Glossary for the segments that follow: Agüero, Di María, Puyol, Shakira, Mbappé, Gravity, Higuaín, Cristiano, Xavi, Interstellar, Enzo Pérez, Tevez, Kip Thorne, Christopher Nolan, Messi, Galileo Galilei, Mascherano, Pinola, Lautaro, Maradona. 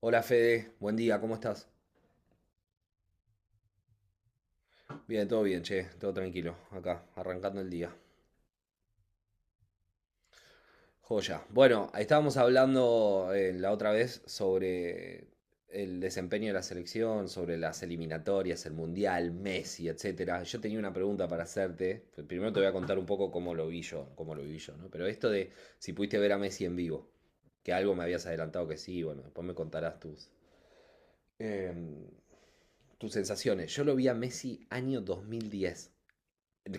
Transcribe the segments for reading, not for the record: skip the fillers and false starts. Hola Fede, buen día, ¿cómo estás? Bien, todo bien, che, todo tranquilo, acá, arrancando el día. Joya. Bueno, ahí estábamos hablando la otra vez sobre el desempeño de la selección, sobre las eliminatorias, el Mundial, Messi, etcétera. Yo tenía una pregunta para hacerte. Pues, primero te voy a contar un poco cómo lo vi yo, cómo lo vi yo, ¿no? Pero esto de si pudiste ver a Messi en vivo, que algo me habías adelantado que sí, bueno, después me contarás em, tus sensaciones. Yo lo vi a Messi año 2010,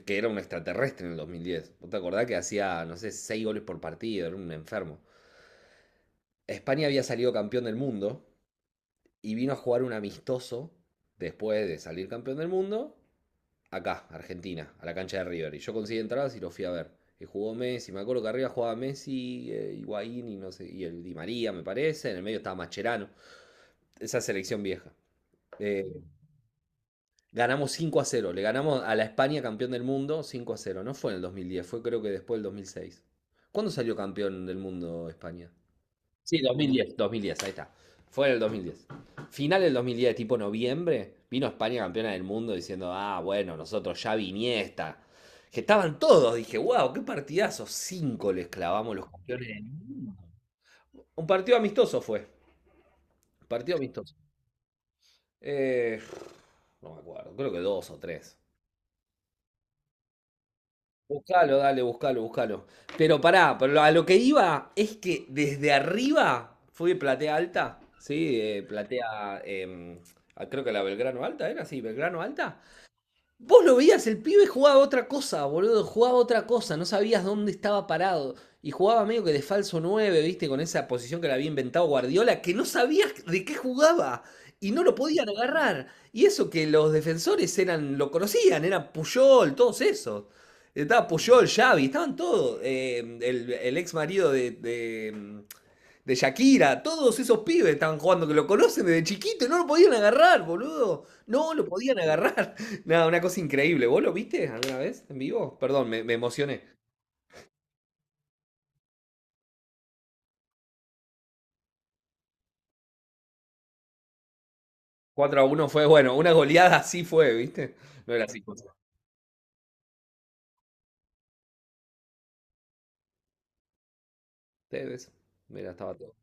que era un extraterrestre en el 2010. ¿Vos te acordás que hacía, no sé, 6 goles por partido? Era un enfermo. España había salido campeón del mundo y vino a jugar un amistoso después de salir campeón del mundo acá, Argentina, a la cancha de River. Y yo conseguí entradas y lo fui a ver. Y jugó Messi, me acuerdo que arriba jugaba Messi, Higuaín y no sé, y el Di María, me parece. En el medio estaba Mascherano. Esa selección vieja. Eh, Ganamos 5-0. Le ganamos a la España campeón del mundo 5-0. No fue en el 2010, fue creo que después del 2006. ¿Cuándo salió campeón del mundo España? Sí, 2010, 2010, ahí está. Fue en el 2010. Final del 2010, tipo noviembre, vino España campeona del mundo diciendo, ah, bueno, nosotros ya viniesta. Que estaban todos, dije, wow, qué partidazo. Cinco les clavamos los campeones del mundo. Un partido amistoso fue. Partido amistoso. Eh, no me acuerdo, creo que dos o tres. Buscalo, dale, buscalo, buscalo. Pero pará, pero a lo que iba es que desde arriba fue platea alta, ¿sí? Ah, creo que la Belgrano Alta era, sí, Belgrano Alta. Vos lo veías, el pibe jugaba otra cosa, boludo, jugaba otra cosa, no sabías dónde estaba parado. Y jugaba medio que de falso 9 viste, con esa posición que le había inventado Guardiola, que no sabías de qué jugaba y no lo podían agarrar. Y eso que los defensores eran, lo conocían, eran Puyol, todos esos. Estaba Puyol, Xavi, estaban todos. El ex marido de Shakira, todos esos pibes estaban jugando que lo conocen desde chiquito y no lo podían agarrar, boludo. No lo podían agarrar. Nada, una cosa increíble. ¿Vos lo viste alguna vez en vivo? Perdón, me emocioné. 4 a uno fue, bueno, una goleada así fue, ¿viste? No era así cosa. Ustedes, mira, estaba todo.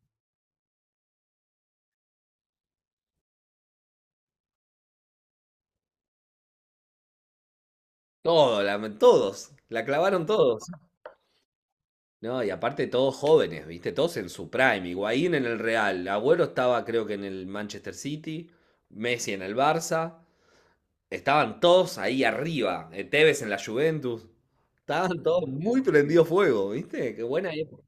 Todo, todos, la clavaron todos. No, y aparte todos jóvenes, ¿viste? Todos en su prime. Higuaín en el Real, Agüero estaba creo que en el Manchester City, Messi en el Barça. Estaban todos ahí arriba, Tevez en la Juventus. Estaban todos muy prendido fuego, ¿viste? Qué buena época.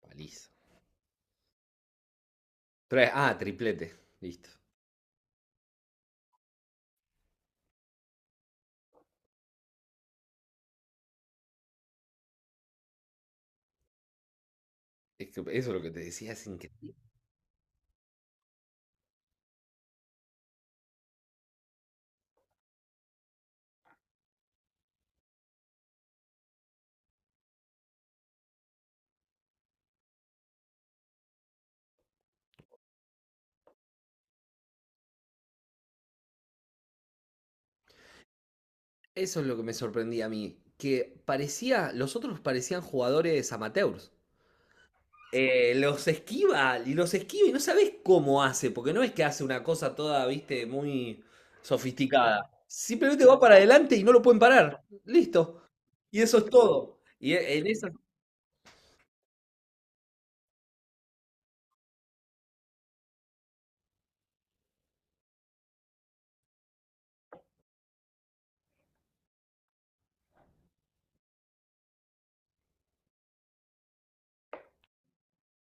Paliza. Ah, triplete. Listo. Es que eso es lo que te decía, es increíble. Eso es lo que me sorprendía a mí. Que parecía, los otros parecían jugadores amateurs. Los esquiva, y los esquiva y no sabes cómo hace, porque no es que hace una cosa toda, viste, muy sofisticada. Simplemente va para adelante y no lo pueden parar. Listo. Y eso es todo. Y en esa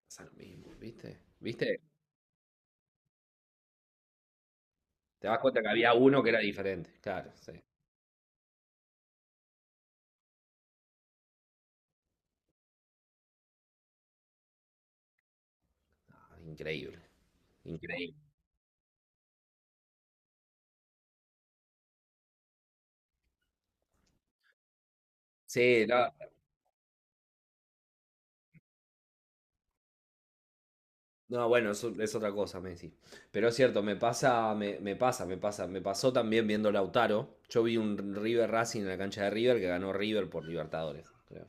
pasa lo mismo, ¿viste? ¿Viste? Te das cuenta que había uno que era diferente. Claro, sí. Ah, increíble, increíble. Sí, no, no, bueno, eso es otra cosa, Messi. Pero es cierto, me pasa, me pasa, me pasa. Me pasó también viendo Lautaro. Yo vi un River Racing en la cancha de River que ganó River por Libertadores, creo.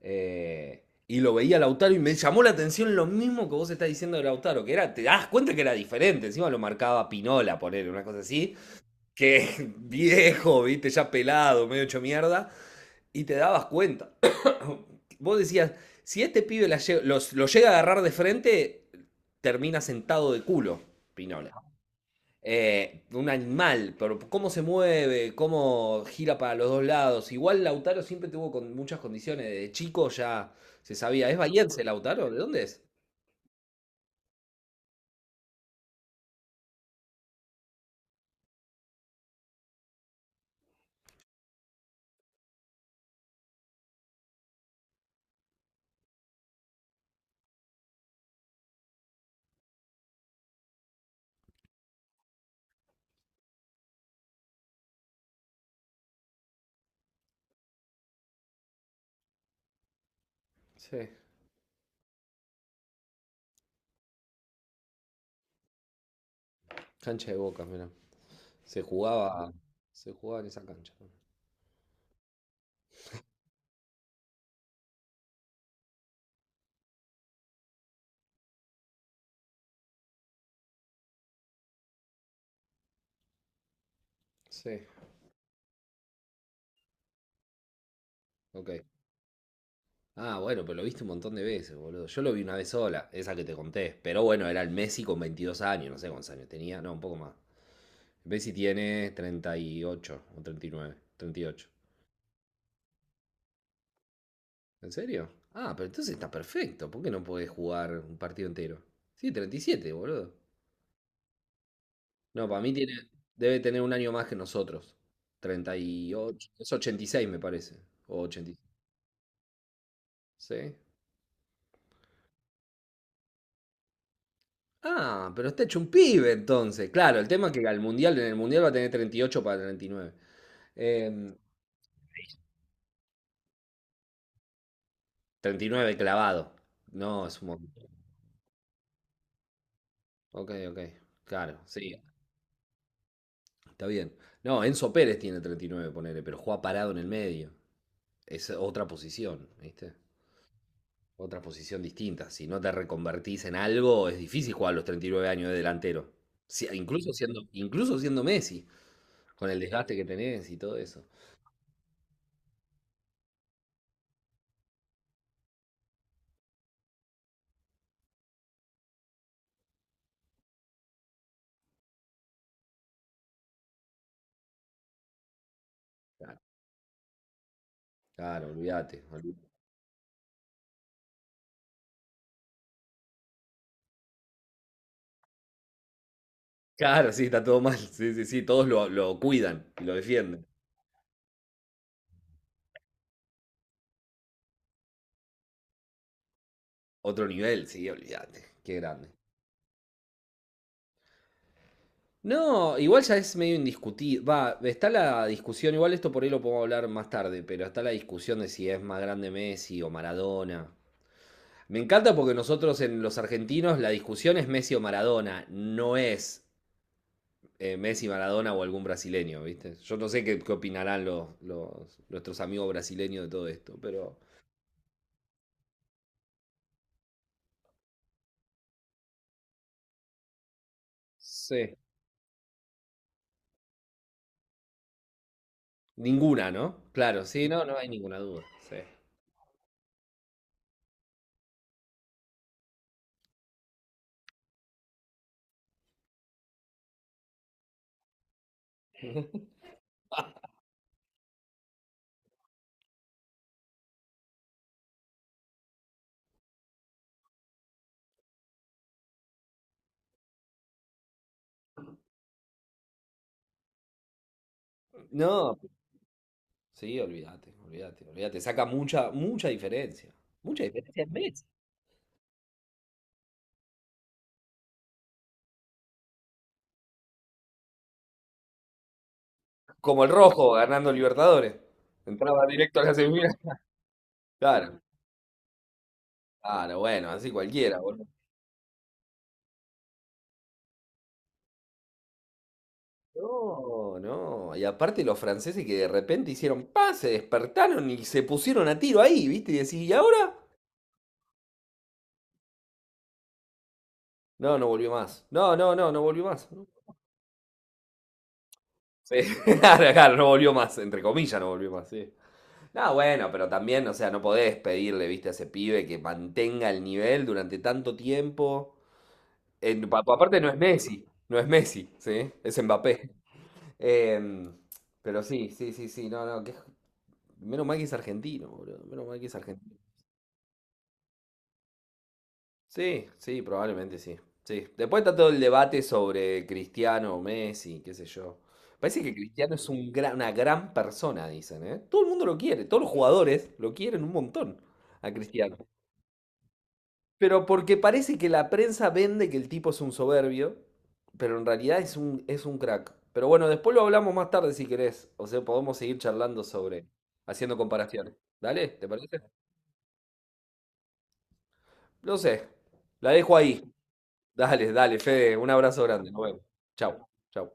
Eh, y lo veía Lautaro y me llamó la atención lo mismo que vos estás diciendo de Lautaro, que era, te das cuenta que era diferente. Encima lo marcaba Pinola, poner una cosa así, que viejo, viste, ya pelado, medio hecho mierda, y te dabas cuenta. Vos decías, si este pibe lo llega a agarrar de frente, termina sentado de culo, Pinola. Un animal, pero cómo se mueve, cómo gira para los dos lados. Igual Lautaro siempre tuvo con muchas condiciones, de chico ya se sabía. ¿Es bahiense Lautaro? ¿De dónde es? Sí, cancha de Boca, mira. Se jugaba, se jugaba en esa cancha. Sí, ok. Ah, bueno, pero lo viste un montón de veces, boludo. Yo lo vi una vez sola, esa que te conté. Pero bueno, era el Messi con 22 años, no sé cuántos años tenía, no, un poco más. Messi tiene 38 o treinta y nueve, 38. ¿En serio? Ah, pero entonces está perfecto. ¿Por qué no podés jugar un partido entero? Sí, 37, boludo. No, para mí debe tener un año más que nosotros. 38, es 86 me parece. O 86. ¿Sí? Ah, pero está hecho un pibe entonces. Claro, el tema es que en el mundial va a tener 38 para 39. Em, 39 clavado. No, es un montón. Ok, ok. Claro, sí, está bien. No, Enzo Pérez tiene 39 ponele, pero juega parado en el medio. Es otra posición, ¿viste? Otra posición distinta. Si no te reconvertís en algo, es difícil jugar a los 39 años de delantero. Incluso siendo Messi, con el desgaste que tenés y todo eso. Claro, claro, olvídate. Claro, sí, está todo mal. Sí, sí, sí, todos lo cuidan y lo defienden. Otro nivel, sí, olvídate. Qué grande. No, igual ya es medio indiscutible. Va, está la discusión, igual esto por ahí lo podemos hablar más tarde, pero está la discusión de si es más grande Messi o Maradona. Me encanta porque nosotros en los argentinos la discusión es Messi o Maradona, no es Messi, Maradona o algún brasileño, ¿viste? Yo no sé qué opinarán nuestros amigos brasileños de todo esto, pero... Sí. Ninguna, ¿no? Claro, sí, no, no hay ninguna duda. Sí. No, sí, olvídate, olvídate, olvídate. Saca mucha, mucha diferencia. Mucha diferencia en Messi. Como el rojo ganando Libertadores. Entraba directo a la semifinal. Claro, claro, bueno, así cualquiera, boludo. No, no. Y aparte los franceses que de repente hicieron paz, se despertaron y se pusieron a tiro ahí, ¿viste? Y decís, ¿y ahora? No, no volvió más. No, no, no, no volvió más. Sí, claro, claro, no volvió más, entre comillas, no volvió más, sí. No, bueno, pero también, o sea, no podés pedirle, viste, a ese pibe que mantenga el nivel durante tanto tiempo. Aparte no es Messi, no es Messi, ¿sí? Es Mbappé. Em, pero sí, sí, sí, sí, no, no, que, menos mal que es argentino, boludo, menos mal que es argentino. Sí, sí, probablemente sí, sí. Después está todo el debate sobre Cristiano o Messi, qué sé yo. Parece que Cristiano es una gran persona, dicen, ¿eh? Todo el mundo lo quiere, todos los jugadores lo quieren un montón a Cristiano. Pero porque parece que la prensa vende que el tipo es un soberbio, pero en realidad es un crack. Pero bueno, después lo hablamos más tarde si querés. O sea, podemos seguir charlando sobre, haciendo comparaciones. Dale, ¿te parece? No sé. La dejo ahí. Dale, dale, Fede. Un abrazo grande. Nos vemos. Chau, chau.